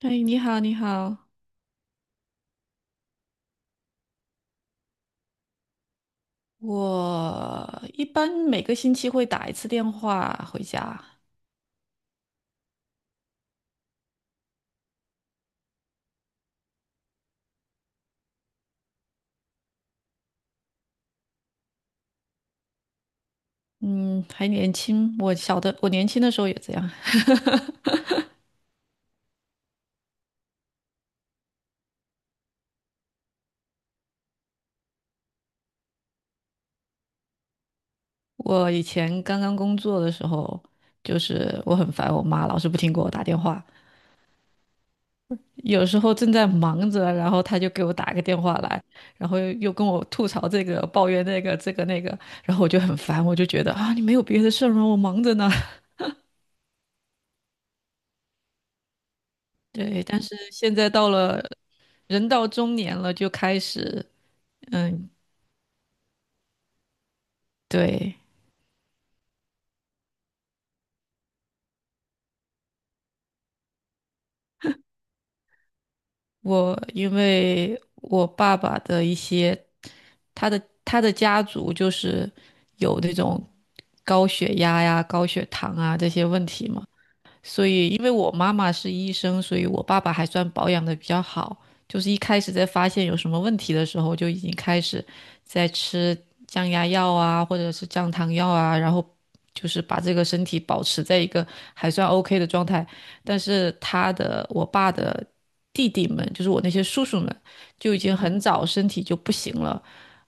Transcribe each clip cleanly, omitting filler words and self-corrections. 哎，你好，你好。我一般每个星期会打一次电话回家。嗯，还年轻，我年轻的时候也这样。我以前刚刚工作的时候，就是我很烦我妈，老是不停给我打电话。有时候正在忙着，然后她就给我打个电话来，然后又跟我吐槽这个、抱怨那个、这个那个，然后我就很烦，我就觉得啊，你没有别的事儿吗？我忙着呢。对，但是现在到了人到中年了，就开始，嗯，对，因为我爸爸的一些，他的家族就是有那种高血压呀、高血糖啊这些问题嘛。所以因为我妈妈是医生，所以我爸爸还算保养的比较好。就是一开始在发现有什么问题的时候，就已经开始在吃降压药啊，或者是降糖药啊，然后就是把这个身体保持在一个还算 OK 的状态。但是我爸的弟弟们，就是我那些叔叔们，就已经很早身体就不行了，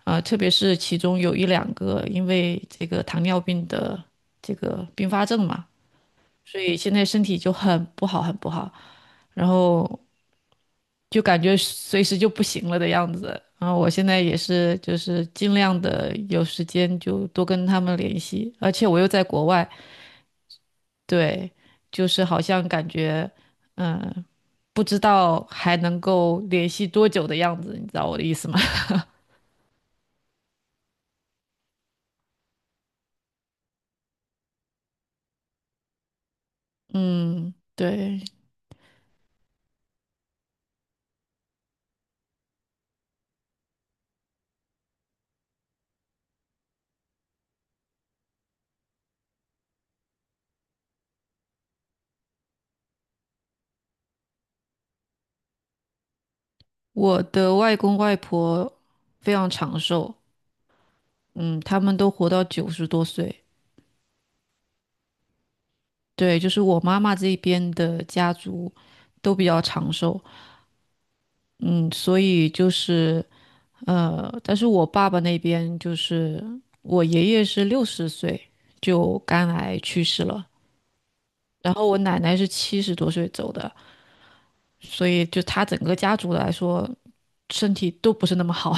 啊、特别是其中有一两个因为这个糖尿病的这个并发症嘛。所以现在身体就很不好，很不好，然后就感觉随时就不行了的样子。然后我现在也是，就是尽量的有时间就多跟他们联系，而且我又在国外，对，就是好像感觉，嗯，不知道还能够联系多久的样子，你知道我的意思吗？嗯，对，我的外公外婆非常长寿，嗯，他们都活到90多岁。对，就是我妈妈这边的家族都比较长寿，嗯，所以就是但是我爸爸那边就是我爷爷是60岁就肝癌去世了，然后我奶奶是70多岁走的，所以就他整个家族来说，身体都不是那么好。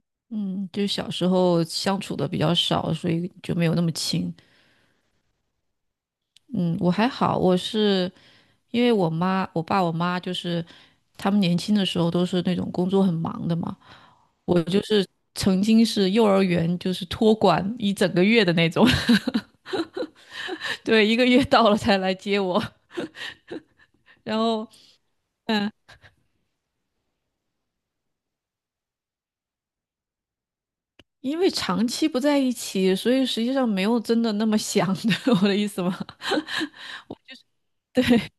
嗯，就小时候相处的比较少，所以就没有那么亲。嗯，我还好，我是因为我妈就是他们年轻的时候都是那种工作很忙的嘛，我就是曾经是幼儿园就是托管一整个月的那种。对，1个月到了才来接我。然后因为长期不在一起，所以实际上没有真的那么想的。我的意思吗？对，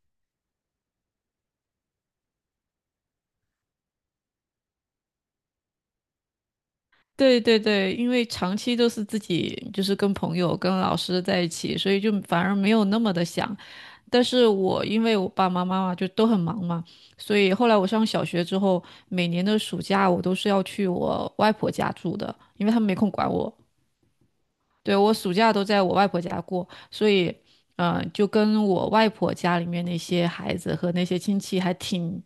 对对对，因为长期都是自己就是跟朋友、跟老师在一起，所以就反而没有那么的想。但是我因为我爸爸妈妈就都很忙嘛，所以后来我上小学之后，每年的暑假我都是要去我外婆家住的，因为他们没空管我。对，我暑假都在我外婆家过，所以，就跟我外婆家里面那些孩子和那些亲戚还挺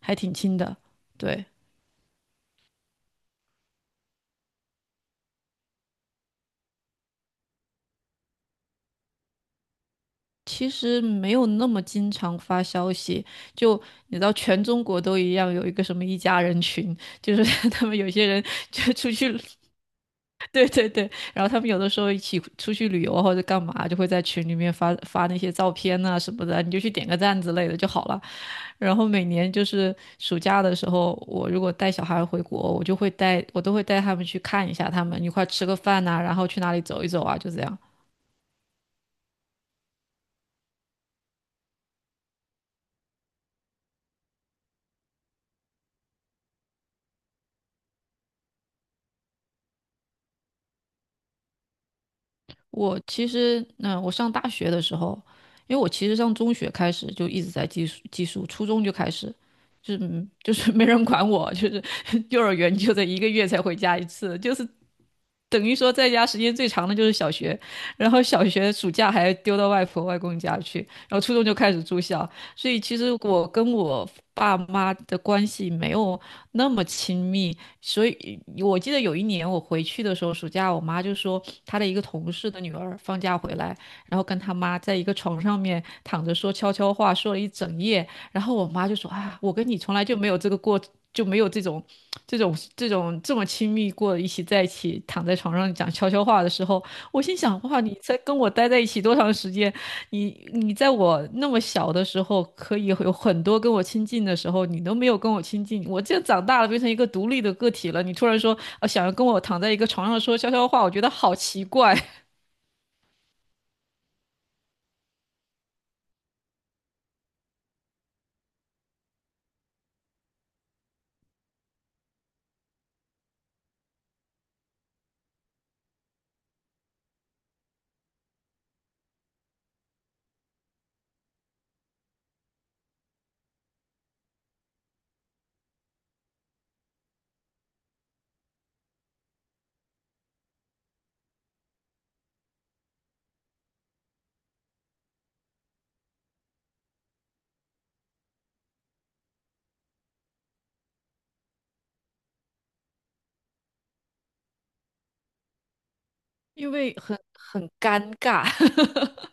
还挺亲的。对，其实没有那么经常发消息，就你知道，全中国都一样，有一个什么一家人群，就是 他们有些人就出去 对对对，然后他们有的时候一起出去旅游啊或者干嘛，就会在群里面发发那些照片呐、什么的，你就去点个赞之类的就好了。然后每年就是暑假的时候，我如果带小孩回国，我都会带他们去看一下他们，一块吃个饭呐、然后去哪里走一走啊，就这样。我其实，我上大学的时候，因为我其实上中学开始就一直在寄宿，初中就开始。就是没人管我，就是 幼儿园就得1个月才回家一次，就是等于说在家时间最长的就是小学，然后小学暑假还丢到外婆外公家去，然后初中就开始住校，所以其实我跟我爸妈的关系没有那么亲密，所以我记得有一年我回去的时候，暑假我妈就说她的一个同事的女儿放假回来，然后跟她妈在一个床上面躺着说悄悄话，说了一整夜，然后我妈就说：“啊，我跟你从来就没有这个过，就没有这种、这么亲密过，在一起躺在床上讲悄悄话的时候。”我心想：哇，你才跟我待在一起多长时间？你在我那么小的时候，可以有很多跟我亲近的时候，你都没有跟我亲近。我这长大了，变成一个独立的个体了，你突然说，想要跟我躺在一个床上说悄悄话，我觉得好奇怪。因为很尴尬。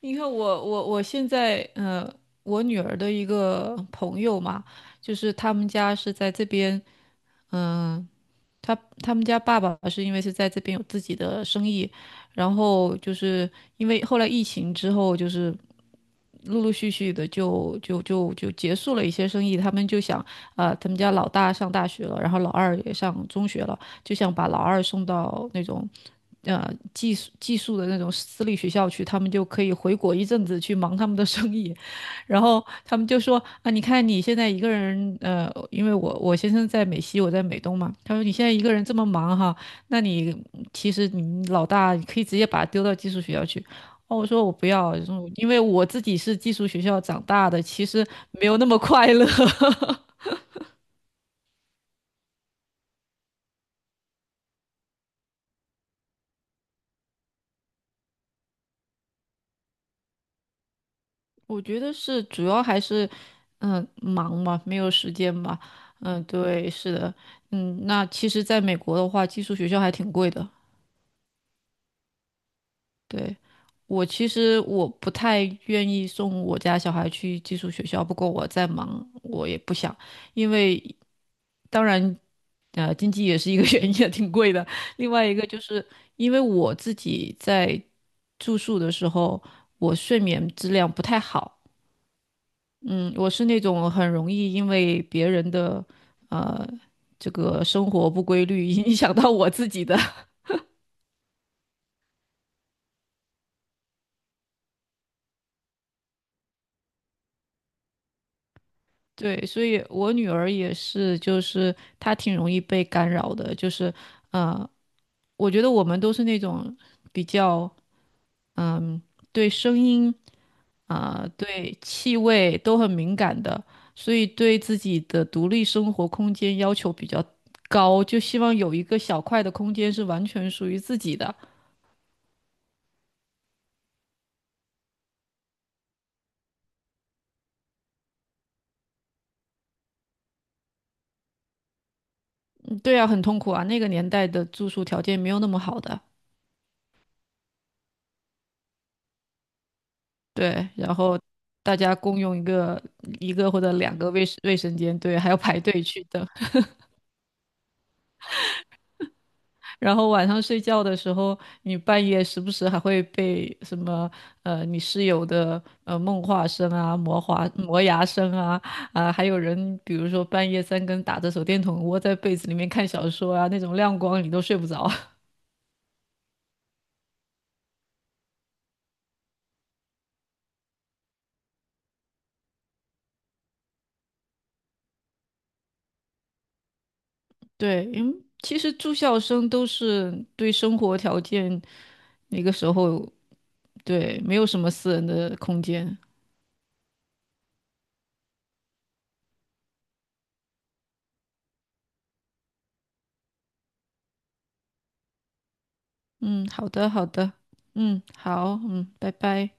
你看我现在我女儿的一个朋友嘛，就是他们家是在这边，嗯、他他们家爸爸是因为是在这边有自己的生意，然后就是因为后来疫情之后，就是陆陆续续的就结束了一些生意，他们就想啊、他们家老大上大学了，然后老二也上中学了，就想把老二送到那种。呃，寄宿的那种私立学校去，他们就可以回国一阵子去忙他们的生意，然后他们就说啊，你看你现在一个人，因为我先生在美西，我在美东嘛，他说你现在一个人这么忙哈，那你其实你老大你可以直接把他丢到寄宿学校去。哦，我说我不要，因为我自己是寄宿学校长大的，其实没有那么快乐。我觉得是主要还是，忙嘛，没有时间吧。嗯，对，是的，那其实在美国的话，寄宿学校还挺贵的。对，我其实我不太愿意送我家小孩去寄宿学校，不过我在忙，我也不想，因为当然，经济也是一个 原因，也挺贵的。另外一个就是因为我自己在住宿的时候，我睡眠质量不太好。嗯，我是那种很容易因为别人的呃这个生活不规律影响到我自己的。对，所以我女儿也是，就是她挺容易被干扰的，就是呃，我觉得我们都是那种比较嗯、对声音啊、对气味都很敏感的，所以对自己的独立生活空间要求比较高，就希望有一个小块的空间是完全属于自己的。对啊，很痛苦啊。那个年代的住宿条件没有那么好的，对。然后大家共用一个一个或者两个卫生间，对，还要排队去等。然后晚上睡觉的时候，你半夜时不时还会被什么你室友的梦话声啊、磨牙声啊啊、还有人比如说半夜三更打着手电筒窝在被子里面看小说啊，那种亮光你都睡不着。对，因为其实住校生都是对生活条件。那个时候对，没有什么私人的空间。嗯，好的，好的，嗯，好，嗯，拜拜。